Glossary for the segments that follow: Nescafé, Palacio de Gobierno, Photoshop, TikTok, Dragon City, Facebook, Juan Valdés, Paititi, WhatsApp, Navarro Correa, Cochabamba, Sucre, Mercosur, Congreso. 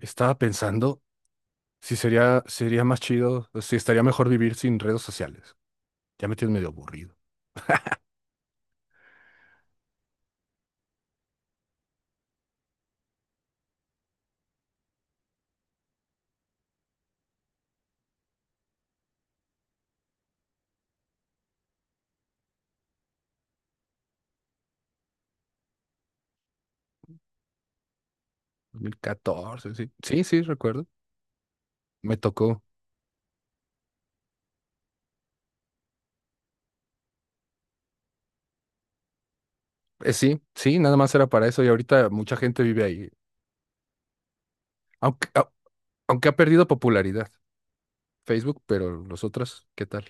Estaba pensando si sería más chido, o si estaría mejor vivir sin redes sociales. Ya me tienes medio aburrido. 2014, sí. Sí, sí, recuerdo. Me tocó. Sí, sí, nada más era para eso y ahorita mucha gente vive ahí. Aunque, au- aunque ha perdido popularidad Facebook, pero los otros, ¿qué tal?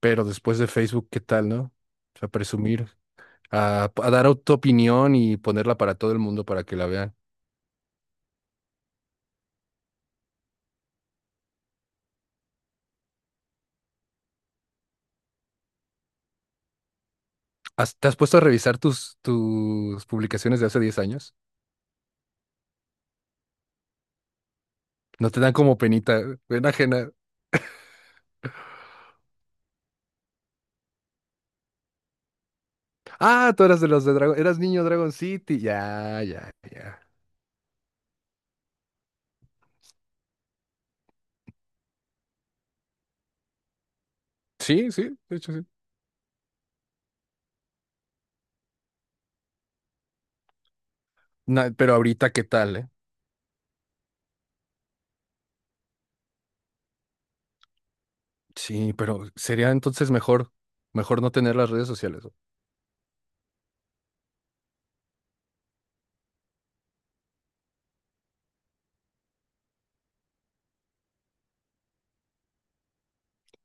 Pero después de Facebook, ¿qué tal, no? O sea, presumir, a dar tu opinión y ponerla para todo el mundo para que la vean. ¿Te has puesto a revisar tus publicaciones de hace 10 años? No te dan como penita, pena ajena. Ah, tú eras de los de Dragon, eras niño Dragon City. Ya, ya, ya. Sí, sí, de hecho sí. Pero ahorita, ¿qué tal, eh? Sí, pero sería entonces mejor no tener las redes sociales, ¿no?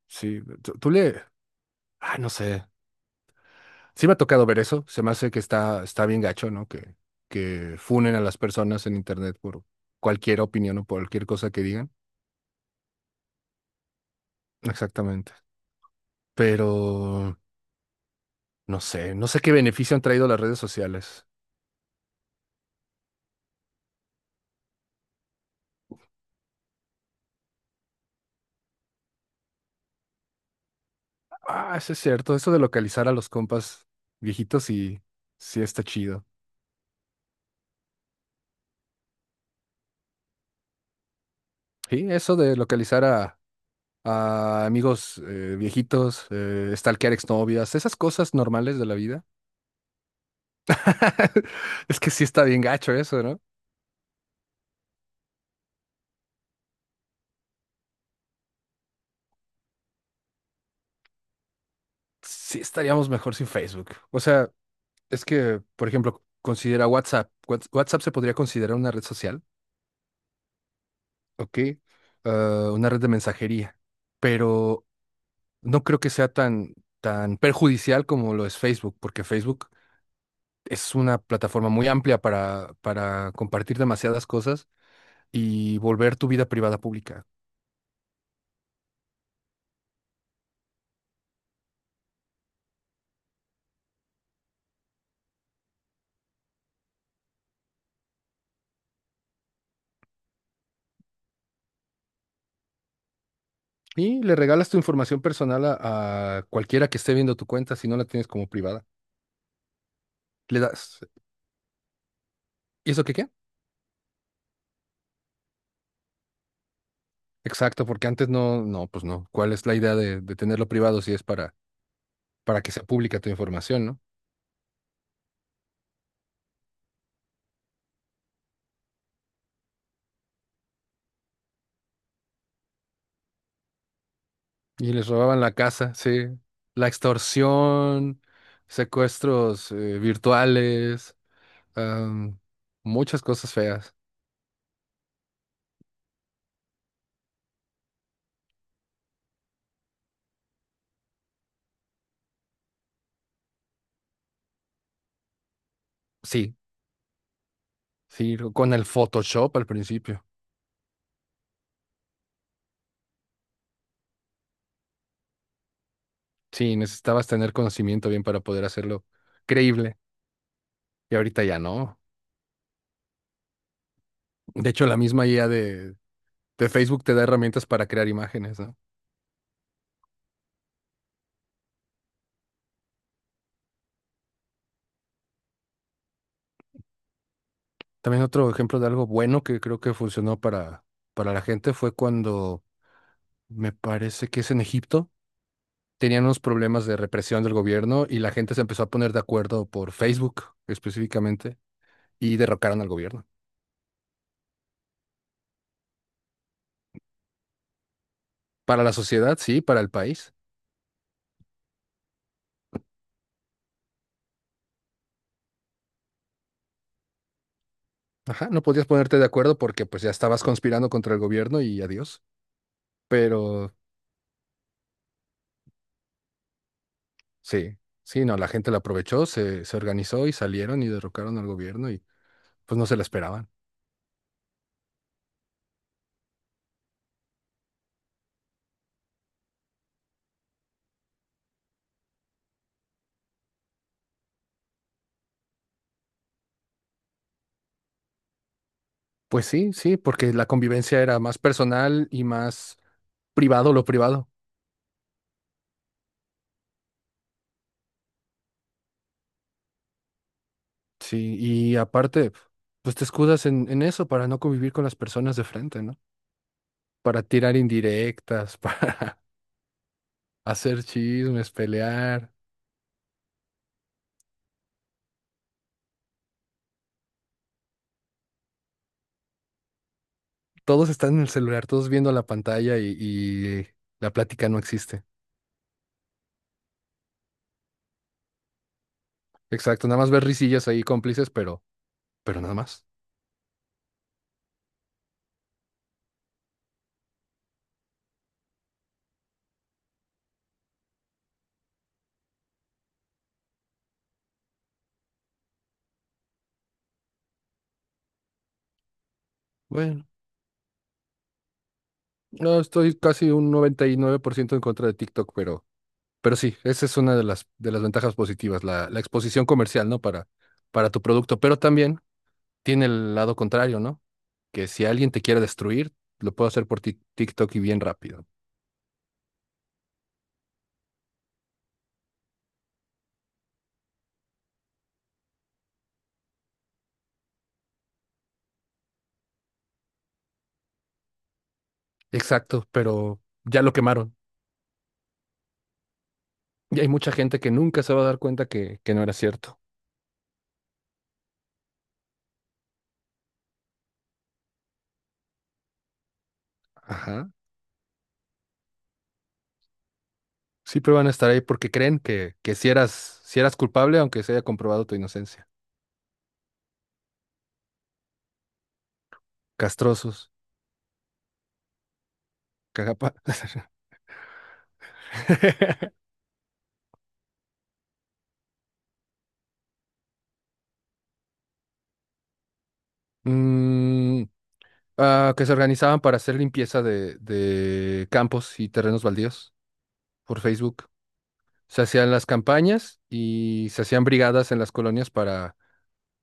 Sí, tú le, ah, no sé. Sí me ha tocado ver eso. Se me hace que está bien gacho, ¿no? Que funen a las personas en internet por cualquier opinión o por cualquier cosa que digan. Exactamente. Pero no sé qué beneficio han traído las redes sociales. Ah, eso es cierto. Eso de localizar a los compas viejitos sí, sí está chido. Sí, eso de localizar a amigos viejitos, stalkear exnovias, esas cosas normales de la vida. Es que sí está bien gacho eso, ¿no? Sí estaríamos mejor sin Facebook. O sea, es que, por ejemplo, considera WhatsApp. WhatsApp se podría considerar una red social, ¿ok? Ah, una red de mensajería. Pero no creo que sea tan perjudicial como lo es Facebook, porque Facebook es una plataforma muy amplia para compartir demasiadas cosas y volver tu vida privada pública. Y le regalas tu información personal a cualquiera que esté viendo tu cuenta si no la tienes como privada. Le das, ¿y eso qué? Exacto, porque antes no, no, pues no. ¿Cuál es la idea de tenerlo privado si es para que sea pública tu información, ¿no? Y les robaban la casa, sí. La extorsión, secuestros virtuales, am, muchas cosas feas. Sí, sí, con el Photoshop al principio. Sí, necesitabas tener conocimiento bien para poder hacerlo creíble. Y ahorita ya no. De hecho, la misma IA de Facebook te da herramientas para crear imágenes, ¿no? También otro ejemplo de algo bueno que creo que funcionó para la gente fue cuando, me parece que es en Egipto, tenían unos problemas de represión del gobierno y la gente se empezó a poner de acuerdo por Facebook específicamente y derrocaron al gobierno. Para la sociedad, sí, para el país. Ajá, no podías ponerte de acuerdo porque pues ya estabas conspirando contra el gobierno y adiós. Pero sí, sí, no, la gente la aprovechó, se organizó y salieron y derrocaron al gobierno y pues no se la esperaban. Pues sí, sí, porque la convivencia era más personal y más privado lo privado. Sí, y aparte, pues te escudas en eso para no convivir con las personas de frente, ¿no? Para tirar indirectas, para hacer chismes, pelear. Todos están en el celular, todos viendo la pantalla y la plática no existe. Exacto, nada más ver risillas ahí cómplices, pero nada más. Bueno, no, estoy casi un 99% en contra de TikTok, pero sí, esa es una de las ventajas positivas, la exposición comercial, ¿no? Para tu producto, pero también tiene el lado contrario, ¿no? Que si alguien te quiere destruir, lo puedo hacer por TikTok y bien rápido. Exacto, pero ya lo quemaron. Y hay mucha gente que nunca se va a dar cuenta que no era cierto. Ajá. Siempre van a estar ahí porque creen que si eras, si eras culpable, aunque se haya comprobado tu inocencia. Castrosos, cagapa. Mm, ah, que se organizaban para hacer limpieza de campos y terrenos baldíos por Facebook. Se hacían las campañas y se hacían brigadas en las colonias para,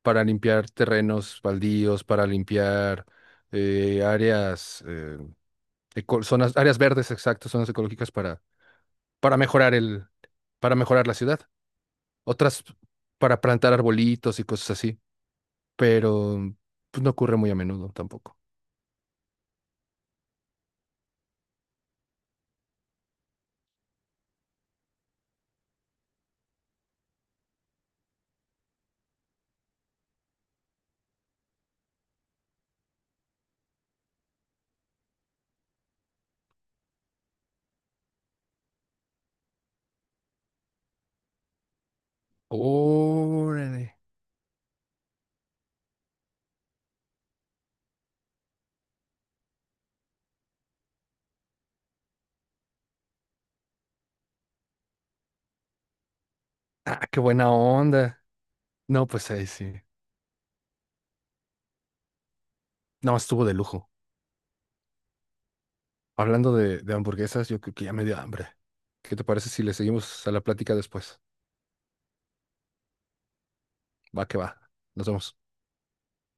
para limpiar terrenos baldíos, para limpiar áreas, zonas, áreas verdes, exacto, zonas ecológicas para mejorar la ciudad. Otras para plantar arbolitos y cosas así, pero pues, no ocurre muy a menudo tampoco. Órale. Ah, qué buena onda. No, pues ahí sí. No, estuvo de lujo. Hablando de hamburguesas, yo creo que ya me dio hambre. ¿Qué te parece si le seguimos a la plática después? Va que va. Nos vemos.